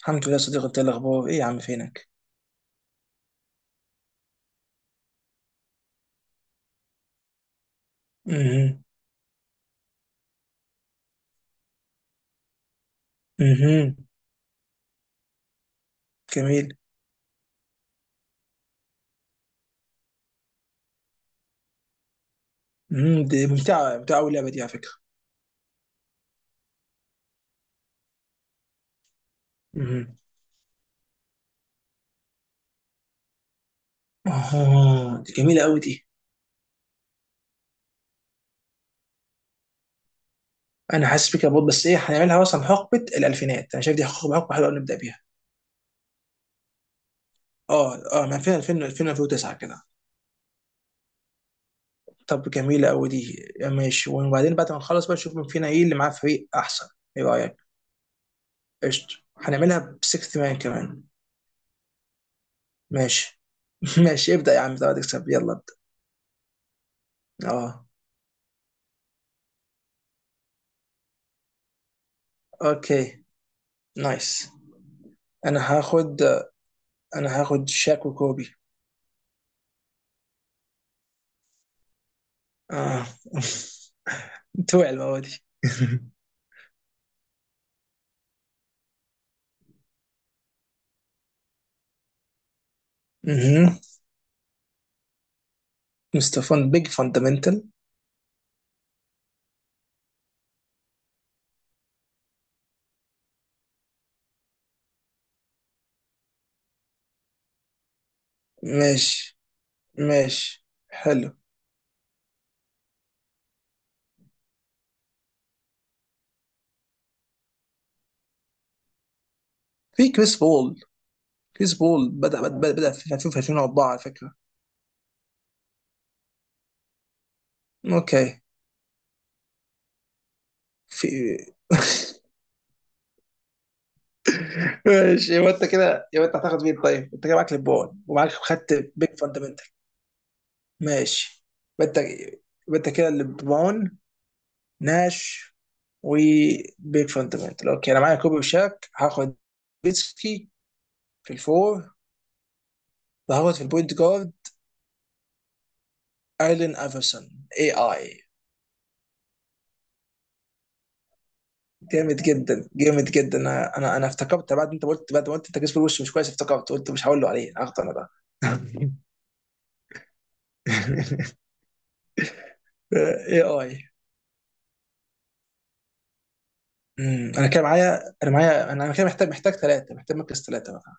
الحمد لله يا صديقي، انت ايه الاخبار؟ ايه يا عم فينك؟ امم امم جميل. دي ممتعه ممتعه قوي اللعبه دي على فكره. امم اه، دي جميله قوي دي. انا حاسس بيك يا بود، بس ايه هنعملها؟ مثلا حقبه الالفينات انا شايف دي حقبه حلوه قوي، نبدا بيها. اه، اه، من 2000، 2000 2009 كده. طب جميله قوي دي، ماشي، وبعدين بعد ما نخلص بقى نشوف مين فينا ايه اللي معاه فريق احسن. ايه رايك؟ قشطه، هنعملها بسكس مان كمان. ماشي. ماشي، ابدا يا عم، طب تكسب، يلا ابدا. اه. اوكي، نايس. انا هاخد انا هاخد شاك وكوبي. اه. توع المره دي. مهم. مستفان بيج فاندمنتال. ماشي. ماشي، حلو. في كريس بول. كريس بول بدأ في 2004 على فكرة. اوكي. في. ماشي، يبقى انت كده، يبقى انت هتاخد مين طيب؟ انت كده معاك ليبرون ومعاك خدت بيج فاندمنتال. ماشي. يبقى انت يبقى انت كده ليبرون، ناش، وبيك فاندمنتال. اوكي، انا معايا كوبي وشاك. هاخد بيتسكي في الفور، وهاخد في البوينت جارد ايلين افرسون، اي اي. جامد جدا، انا افتكرت بعد انت قلت، بعد ما قلت انت جسم الوش مش كويس، افتكرت قلت مش هقول له عليه، هاخده انا ده. اي اي. انا كان معايا، انا معايا انا أنا كده محتاج محتاج ثلاثه، محتاج مركز ثلاثه بقى.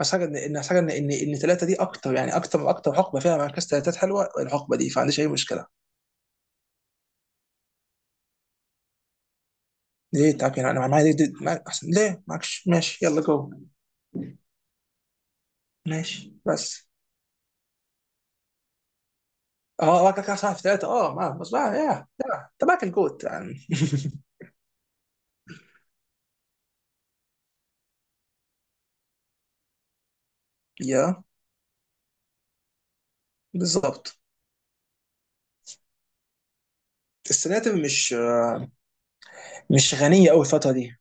بس حاجه ان ان حاجه ان ان ان ثلاثه دي اكتر يعني، اكتر حقبه فيها مركز ثلاثات حلوه الحقبه دي، فما عنديش اي مشكله. ليه؟ طب يعني انا معايا دي معايا احسن، ليه معكش؟ ماشي يلا جو. ماشي بس. اه، واكل كاس في ثلاثة. اه، ما بس بقى يا انت معاك الجوت يعني. يا بالظبط. السناتر مش غنية قوي الفترة دي.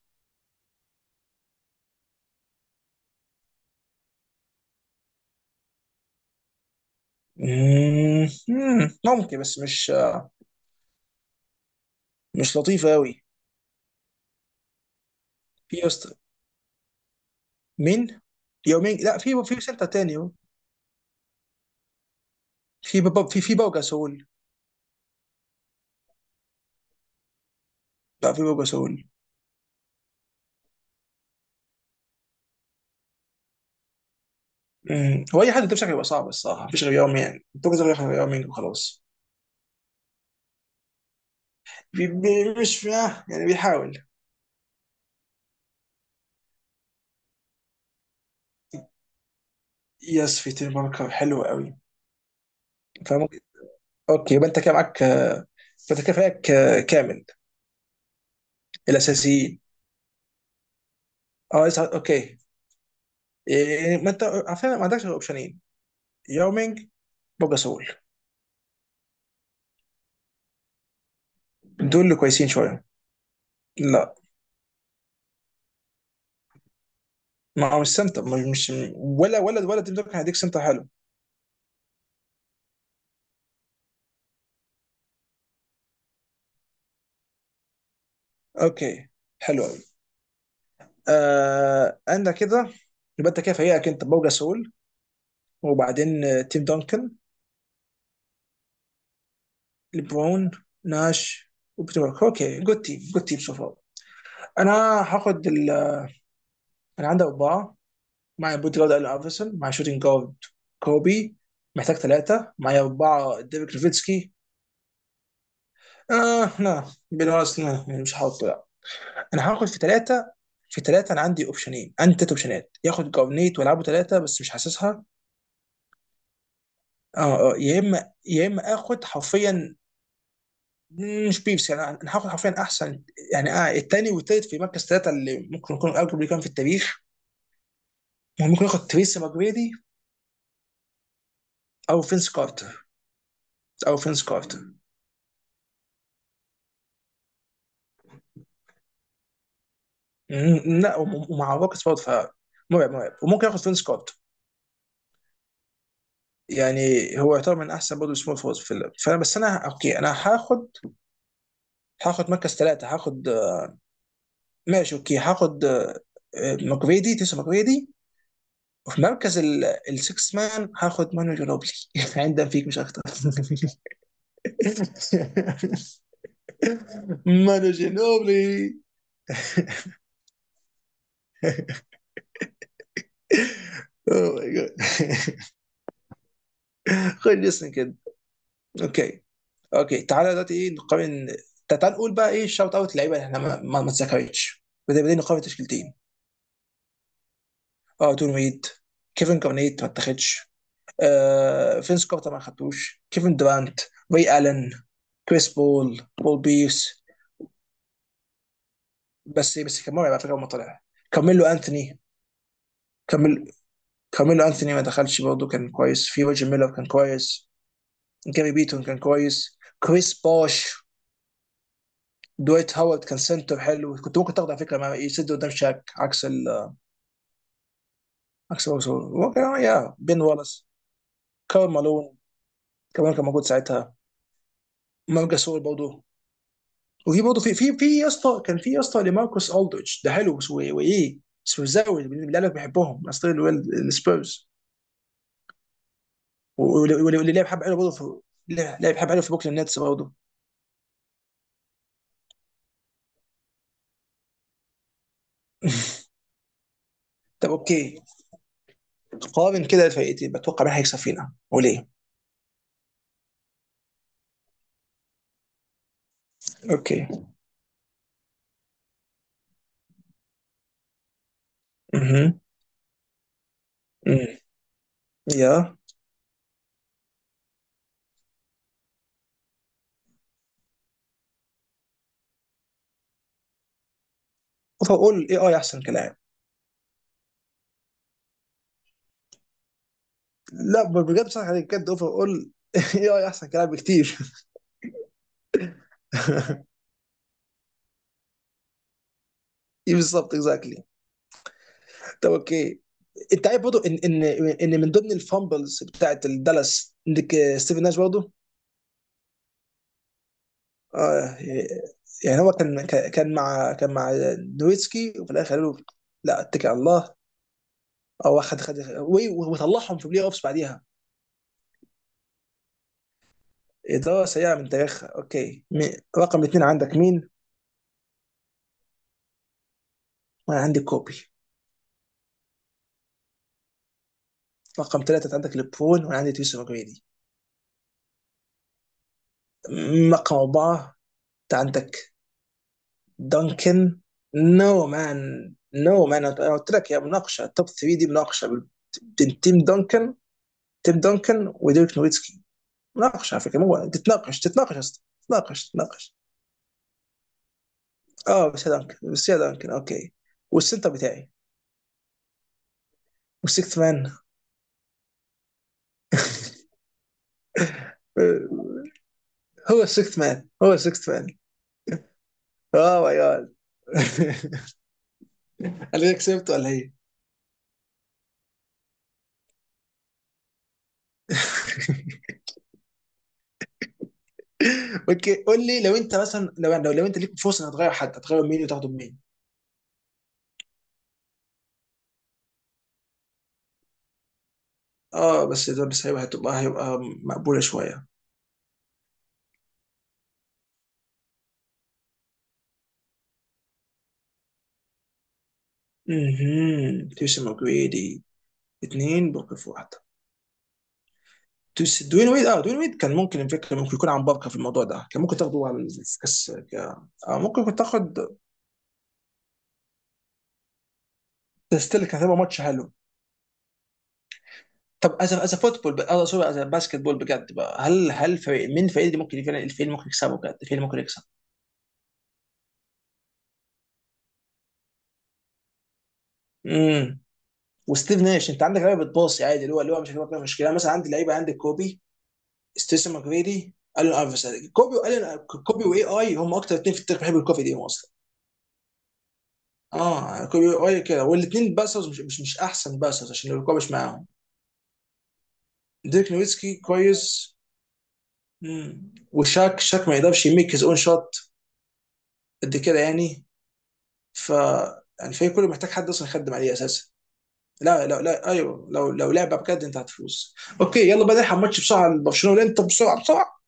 مم، مم، ممكن، بس مش آه، مش لطيفة قوي. في يست. مين؟ يومين، لا، في في سنتر تاني. في في في بوجا سول. لا، في بوجا سول. مم، هو اي حد ده بشكل يبقى صعب الصراحة، مفيش غير يومين، بوجا سول غير يومين وخلاص. بي- بي- مش آه، يعني بيحاول. يس، في تيم باركر، حلو قوي فممكن. اوكي، يبقى انت كده معاك، فانت كده فريقك كامل الاساسيين. اه لسه. اوكي. إيه، ما انت على فكره ما عندكش غير اوبشنين، يومينج، بوجاسول، دول اللي كويسين شويه. لا، ما هو مش سنتر، ولا ولا تيم دوكن هيديك سنتر حلو. اوكي، حلو قوي. آه عندك كده، يبقى انت كده فريقك انت بوجاسول، وبعدين تيم دونكن، لبرون، ناش، وبتبارك. اوكي، جود تيم، جود تيم سو فار. انا هاخد ال... انا عندي اربعه، مع بوت جارد الين ايفرسون، مع شوتنج جارد كوبي. محتاج ثلاثه، معايا اربعه ديفيد نوفيتسكي. اه لا، بالونس، مش هحطه لا. انا هاخد في ثلاثه، انا عندي اوبشنين، عندي ثلاث اوبشنات، ياخد جارنيت والعبه ثلاثه بس مش حاسسها. اه، يا اما اخد حرفيا، مش بيبسي يعني، انا هاخد حرفيا احسن يعني. اه الثاني والثالث في مركز ثلاثه اللي ممكن يكون الجبري كان في التاريخ. ممكن ياخد تريسي ماجريدي، او فينس كارتر، او فينس كارتر. مم، لا ومع روكيتس برضه مرعب. وممكن ياخد فينس كارتر. يعني هو يعتبر من احسن برضه سمول فورز في اللعب، فانا بس، انا اوكي، انا هاخد هاخد مركز ثلاثه، هاخد آه، ماشي اوكي، هاخد آه، آه، ماجريدي، تيسو ماجريدي. وفي مركز السكس مان هاخد مانو جنوبلي. عندنا فيك مش اكتر. مانو جنوبلي. اوه ماي جاد. خد اسم كده. اوكي. اوكي تعالى دلوقتي ايه، نقارن. تعال نقول بقى ايه الشوت اوت، اللعيبه اللي احنا ما اتذكرتش. بدأنا نقارن تشكيلتين. اه دون ويد، كيفن كارنيت ما اتخدش، آه فينس كارتر ما خدتوش، كيفن دورانت، ري الن، كريس بول، بول بيرس. بس كان مرعب على فكره لما طلع. كارميلو انثوني، كارميلو، كارميلو انثوني ما دخلش برضه، كان كويس. في روجر ميلر كان كويس. جاري بيتون كان كويس. كريس باش. دويت هاورد كان سنتر حلو، كنت ممكن تاخده على فكره، مع يسد قدام شاك عكس ال، عكس هو كان يا بين والاس. كارل مالون كمان كان موجود ساعتها. مارك جاسول برضه. وفي برضه في في في يا اسطى كان في يا اسطى لماركوس الدريتش، ده حلو بس. وايه سوزاوي اللي قالك بحبهم، اصل السبيرز. واللي لعب حبه حلو برضه في، لعب حبه حلو في بوكلين نتس برضه. طب اوكي، قارن كده الفرقتين، بتوقع مين هيكسب فينا وليه؟ اوكي. مهم. يا اوفر اول اي اي احسن كلاعب. لا، بجد بصراحه، يعني بجد اوفر اول، اي اي احسن كلاعب بكتير. إيه بالظبط، اكزاكتلي. طب اوكي، انت عارف برضه ان ان ان من ضمن الفامبلز بتاعت الدالاس عندك، آه، ستيفن ناش برضه. آه. يعني هو كان مع نويتسكي، وفي الاخر قالوا له لا، اتكل على الله، او خد، وطلعهم في بلاي اوفس بعديها. اداره سيئه من تاريخها. اوكي. رقم اثنين عندك مين؟ انا عندي كوبي. رقم ثلاثة انت عندك لبرون، وانا عندي يوسف جريدي. رقم أربعة انت عندك دانكن. نو مان، نو مان، انا قلت لك يا مناقشة توب 3 دي، مناقشة بين تيم دانكن وديريك نويتسكي، مناقشة على فكرة، مو تتناقش اصلا، تتناقش تتناقش. اه بس يا دانكن، اوكي. والسنتر بتاعي والسيكث مان، هو السيكث مان، اه ماي جاد، انا كسبت. ولا هي؟ اوكي، قول لي لو انت مثلا لو انت ليك فرصه انك تغير حد، هتغير مين وتاخده مين؟ اه، بس ده بس هيبقى مقبوله شويه. اها تيوسن ماجريدي، اثنين بوكر في واحده. دوين ويد، اه دوين ويد كان ممكن، الفكره ممكن يكون عن بركه في الموضوع ده، كان ممكن تاخده على الكاس آه ممكن كنت تاخد. ستيل كان هيبقى ماتش حلو. طب از از فوتبول، اه سوري، از باسكت بول بجد بقى، هل فريق من الفريق اللي ممكن فعلا، الفريق اللي ممكن يكسبه بجد، الفريق اللي ممكن يكسب؟ امم. وستيف ناش انت عندك لعيبه بتباصي عادي، اللي هو مش هيبقى مشكله، يعني مثلا عندي لعيبه، عندك كوبي، ستيسن ماكريدي، الون ايفرسون، كوبي والون. كوبي واي اي هم اكتر اثنين في التاريخ بيحبوا الكوفي دي اصلا. اه كوبي واي كده، والاثنين باسرز، مش احسن باسرز عشان الكوبي مش معاهم. ديريك نويتسكي كويس. مم. وشاك، شاك ما يقدرش يميك هيز اون شوت قد كده يعني. ف الفريق كله محتاج حد اصلا يخدم عليه اساسا. لا لا لا ايوه، لو لو لعبه بجد انت هتفوز. اوكي، يلا بقى نلحق ماتش بسرعه، برشلونه والانتر، بسرعه بسرعه.